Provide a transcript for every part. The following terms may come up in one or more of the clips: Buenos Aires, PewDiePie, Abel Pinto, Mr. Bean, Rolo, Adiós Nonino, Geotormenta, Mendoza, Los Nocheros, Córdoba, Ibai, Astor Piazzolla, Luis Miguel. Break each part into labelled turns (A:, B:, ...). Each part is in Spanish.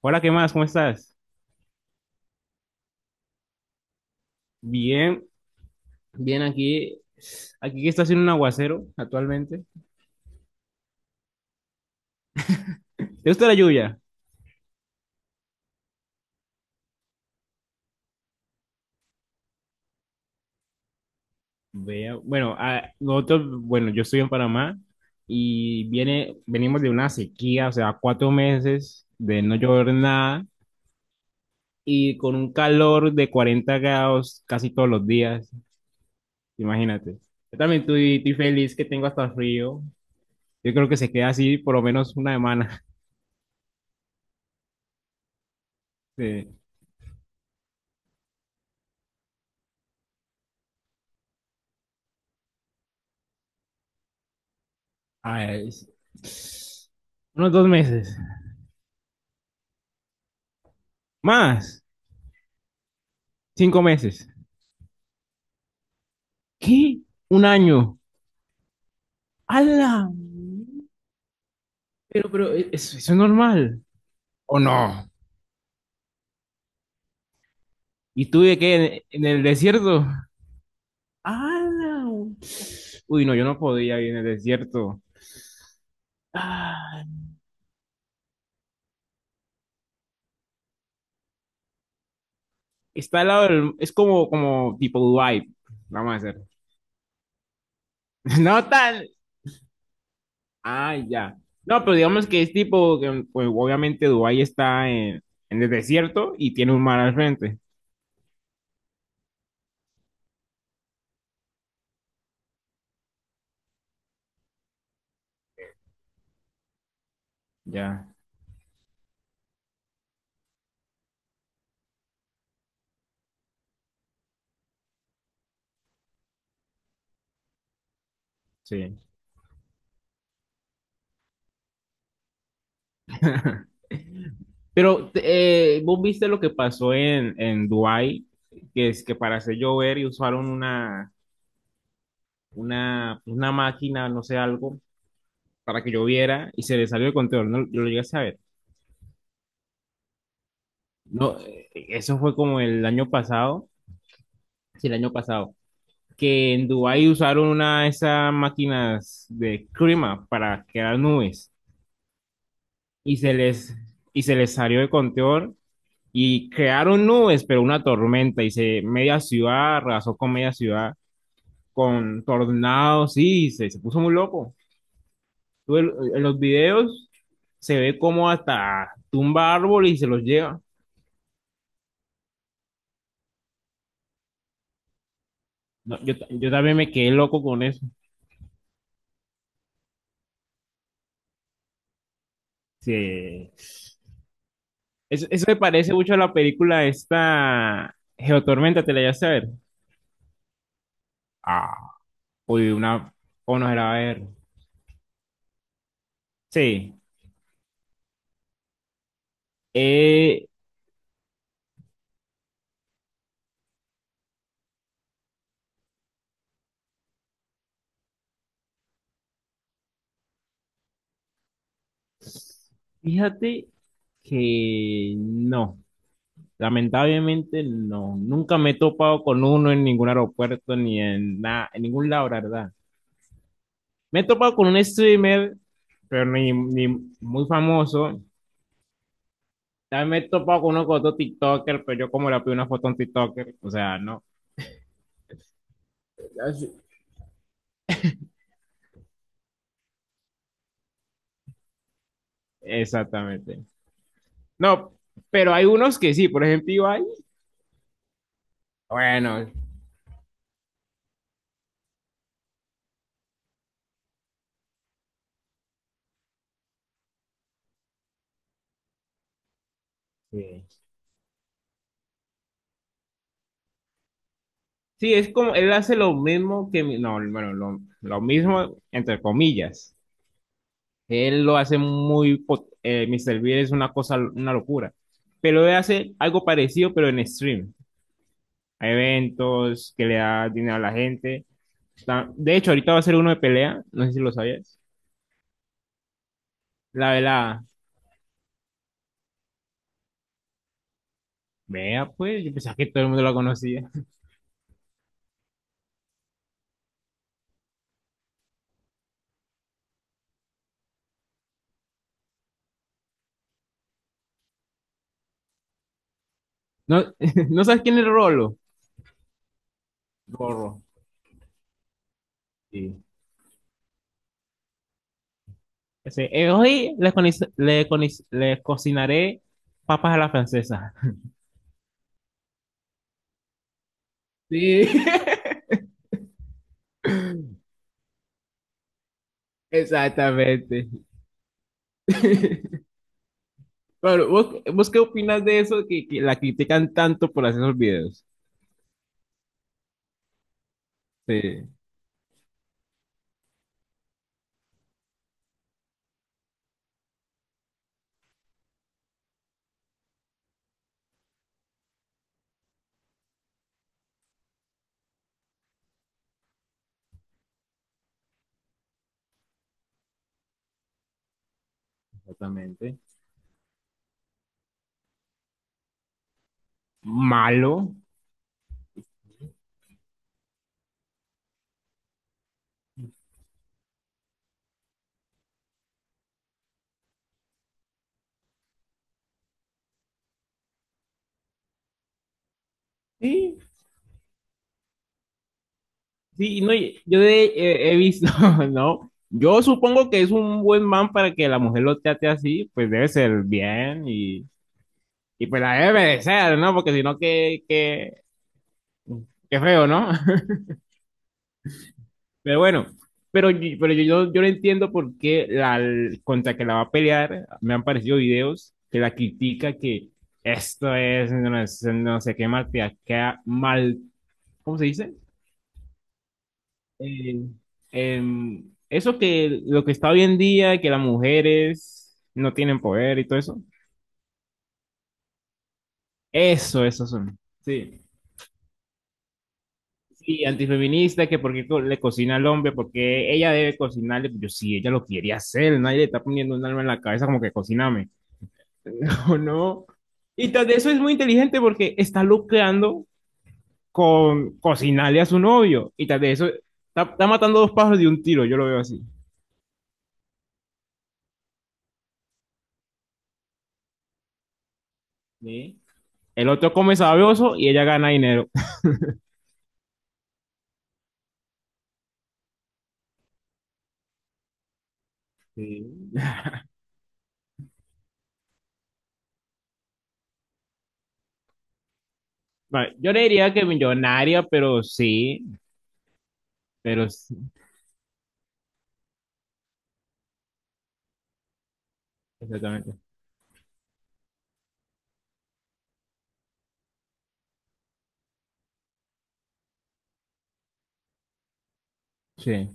A: Hola, ¿qué más? ¿Cómo estás? Bien, bien aquí. Aquí que está haciendo un aguacero actualmente. ¿Te gusta la lluvia? Vea, bueno, nosotros, bueno, yo estoy en Panamá y venimos de una sequía, o sea, 4 meses de no llover nada y con un calor de 40 grados casi todos los días, imagínate. Yo también estoy feliz que tengo hasta frío. Yo creo que se queda así por lo menos una semana. Sí. Ah, unos 2 meses. Más, 5 meses. ¿Qué? Un año. ¡Hala! Pero, ¿eso es normal? ¿O no? ¿Y tú de qué? En el desierto? ¡Hala! Uy, no, yo no podía ir en el desierto. Ah, está al lado del... Es como tipo Dubai. Vamos a hacer. No tan... Ah, ya. No, pero digamos que es tipo... que, pues obviamente Dubai está en el desierto y tiene un mar al frente. Ya, sí. Pero vos viste lo que pasó en Dubái, que es que para hacer llover y usaron una máquina, no sé, algo, para que lloviera y se le salió el control. No, yo lo llegué a saber. No, eso fue como el año pasado, sí, el año pasado, que en Dubái usaron una de esas máquinas de clima para crear nubes y se les, y se les salió de control y crearon nubes, pero una tormenta y se media ciudad arrasó con media ciudad con tornados, sí, se puso muy loco. Tú en los videos se ve como hasta tumba árboles y se los lleva. No, yo también me quedé loco con eso. Sí. Eso me parece mucho a la película esta Geotormenta, ¿te la llegaste a ver? Ah, uy, una... o no era a ver. Sí. Eh, Fíjate que no. Lamentablemente no, nunca me he topado con uno en ningún aeropuerto ni en nada, en ningún lado, la verdad. Me he topado con un streamer, pero ni muy famoso. También me he topado con uno con otro TikToker, pero yo como le pido una foto a un TikToker, o sea, no. Exactamente. No, pero hay unos que sí, por ejemplo, Ibai, bueno, sí. Sí, es como, él hace lo mismo que, no, bueno, lo mismo, entre comillas. Él lo hace muy... Mr. Bean es una cosa, una locura. Pero él hace algo parecido, pero en stream. A eventos que le da dinero a la gente. De hecho, ahorita va a ser uno de pelea. No sé si lo sabías. La de la... Vea, pues, yo pensaba que todo el mundo la conocía. No, ¿no sabes quién es Rolo? Rorro, sí. Ese, hoy le cocinaré papas a la francesa. Sí, exactamente. Claro, vos qué opinas de eso que la critican tanto por hacer esos videos? Sí, exactamente. Malo. Sí, sí, no, he visto, ¿no? Yo supongo que es un buen man para que la mujer lo trate así, pues debe ser bien y pues la debe merecer, ¿no? Porque si no, qué feo, ¿no? Pero bueno, yo no entiendo por qué la, contra que la va a pelear, me han parecido videos que la critica que esto es no, no sé qué malteaca, mal, ¿cómo se dice? Eh, eso que lo que está hoy en día, que las mujeres no tienen poder y todo eso, eso son. Sí. Sí, antifeminista, que porque le cocina al hombre, porque ella debe cocinarle, pues yo sí, ella lo quiere hacer, nadie le está poniendo un alma en la cabeza como que cociname. No, no. Y tras de eso es muy inteligente porque está lucrando con cocinarle a su novio. Y tras de eso está matando dos pájaros de un tiro, yo lo veo así. Sí, el otro come sabroso y ella gana dinero. Sí. Vale, yo le diría que millonaria, pero sí, pero sí, exactamente. Sí,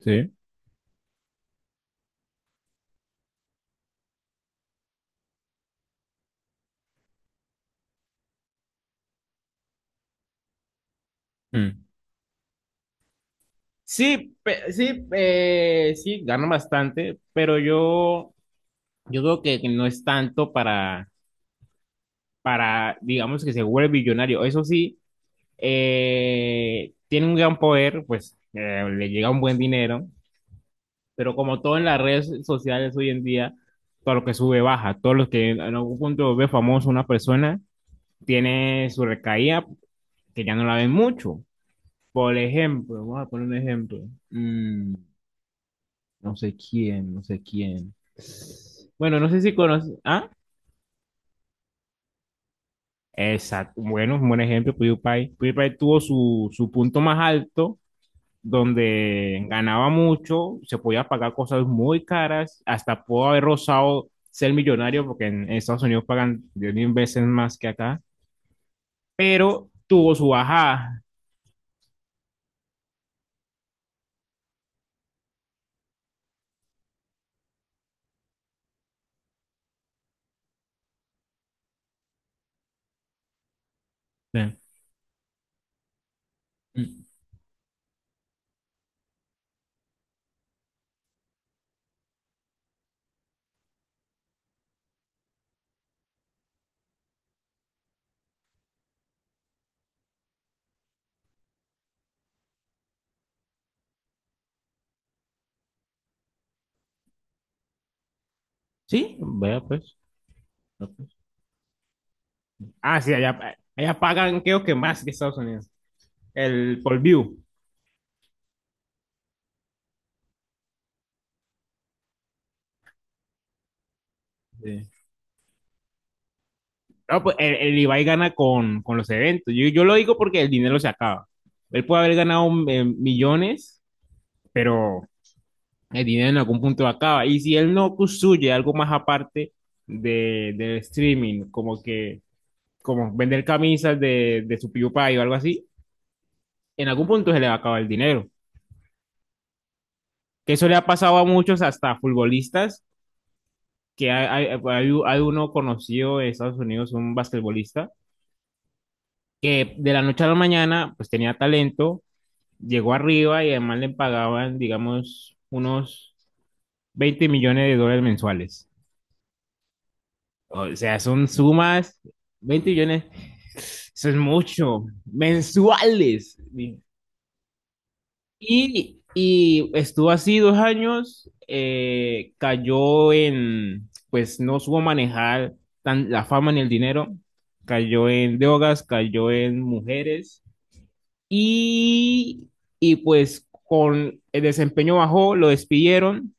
A: sí. Mm. Sí, sí, sí, gano bastante, pero yo creo que no es tanto para, digamos que se vuelve millonario. Eso sí, tiene un gran poder, pues le llega un buen dinero, pero como todo en las redes sociales hoy en día, todo lo que sube baja, todo lo que en algún punto ve famoso una persona tiene su recaída que ya no la ven mucho. Por ejemplo, vamos a poner un ejemplo. Mm, no sé quién, no sé quién. Bueno, no sé si conoces. Ah, exacto. Bueno, un buen ejemplo, PewDiePie. PewDiePie tuvo su punto más alto donde ganaba mucho, se podía pagar cosas muy caras, hasta pudo haber rozado ser millonario, porque en Estados Unidos pagan 10.000 veces más que acá, pero tuvo su bajada. Sí, sí, vea pues. Vea, pues. Ah, sí, allá pagan creo que más que Estados Unidos, el por view. Sí. No, pues el Ibai gana con los eventos. Yo lo digo porque el dinero se acaba. Él puede haber ganado millones, pero el dinero en algún punto acaba. Y si él no construye algo más aparte del streaming, como que como vender camisas de su PewDiePie o algo así, en algún punto se le va a acabar el dinero. Que eso le ha pasado a muchos, hasta futbolistas, que hay uno conocido de Estados Unidos, un basquetbolista, que de la noche a la mañana pues tenía talento, llegó arriba y además le pagaban, digamos, unos 20 millones de dólares mensuales. O sea, son sumas, 20 millones, eso es mucho, mensuales. Y estuvo así 2 años, cayó en, pues no supo manejar tan, la fama ni el dinero, cayó en drogas, cayó en mujeres y, y pues con el desempeño bajó, lo despidieron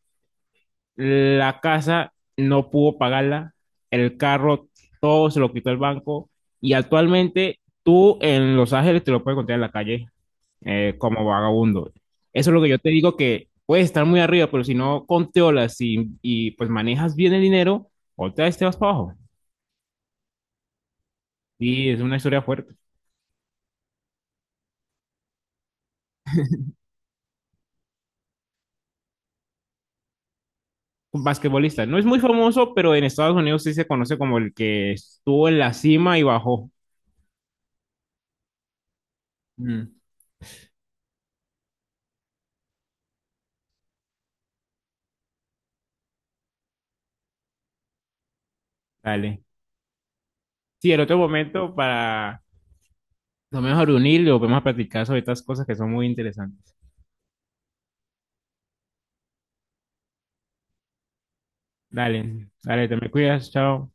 A: la casa no pudo pagarla, el carro todo se lo quitó el banco y actualmente tú en Los Ángeles te lo puedes encontrar en la calle como vagabundo. Eso es lo que yo te digo que puedes estar muy arriba, pero si no controlas y pues manejas bien el dinero, otra vez te vas para abajo. Y es una historia fuerte. Un basquetbolista. No es muy famoso, pero en Estados Unidos sí se conoce como el que estuvo en la cima y bajó. Mm, dale. Sí, el otro momento para lo mejor unir y volvemos a platicar sobre estas cosas que son muy interesantes. Dale, dale, te me cuidas, chao.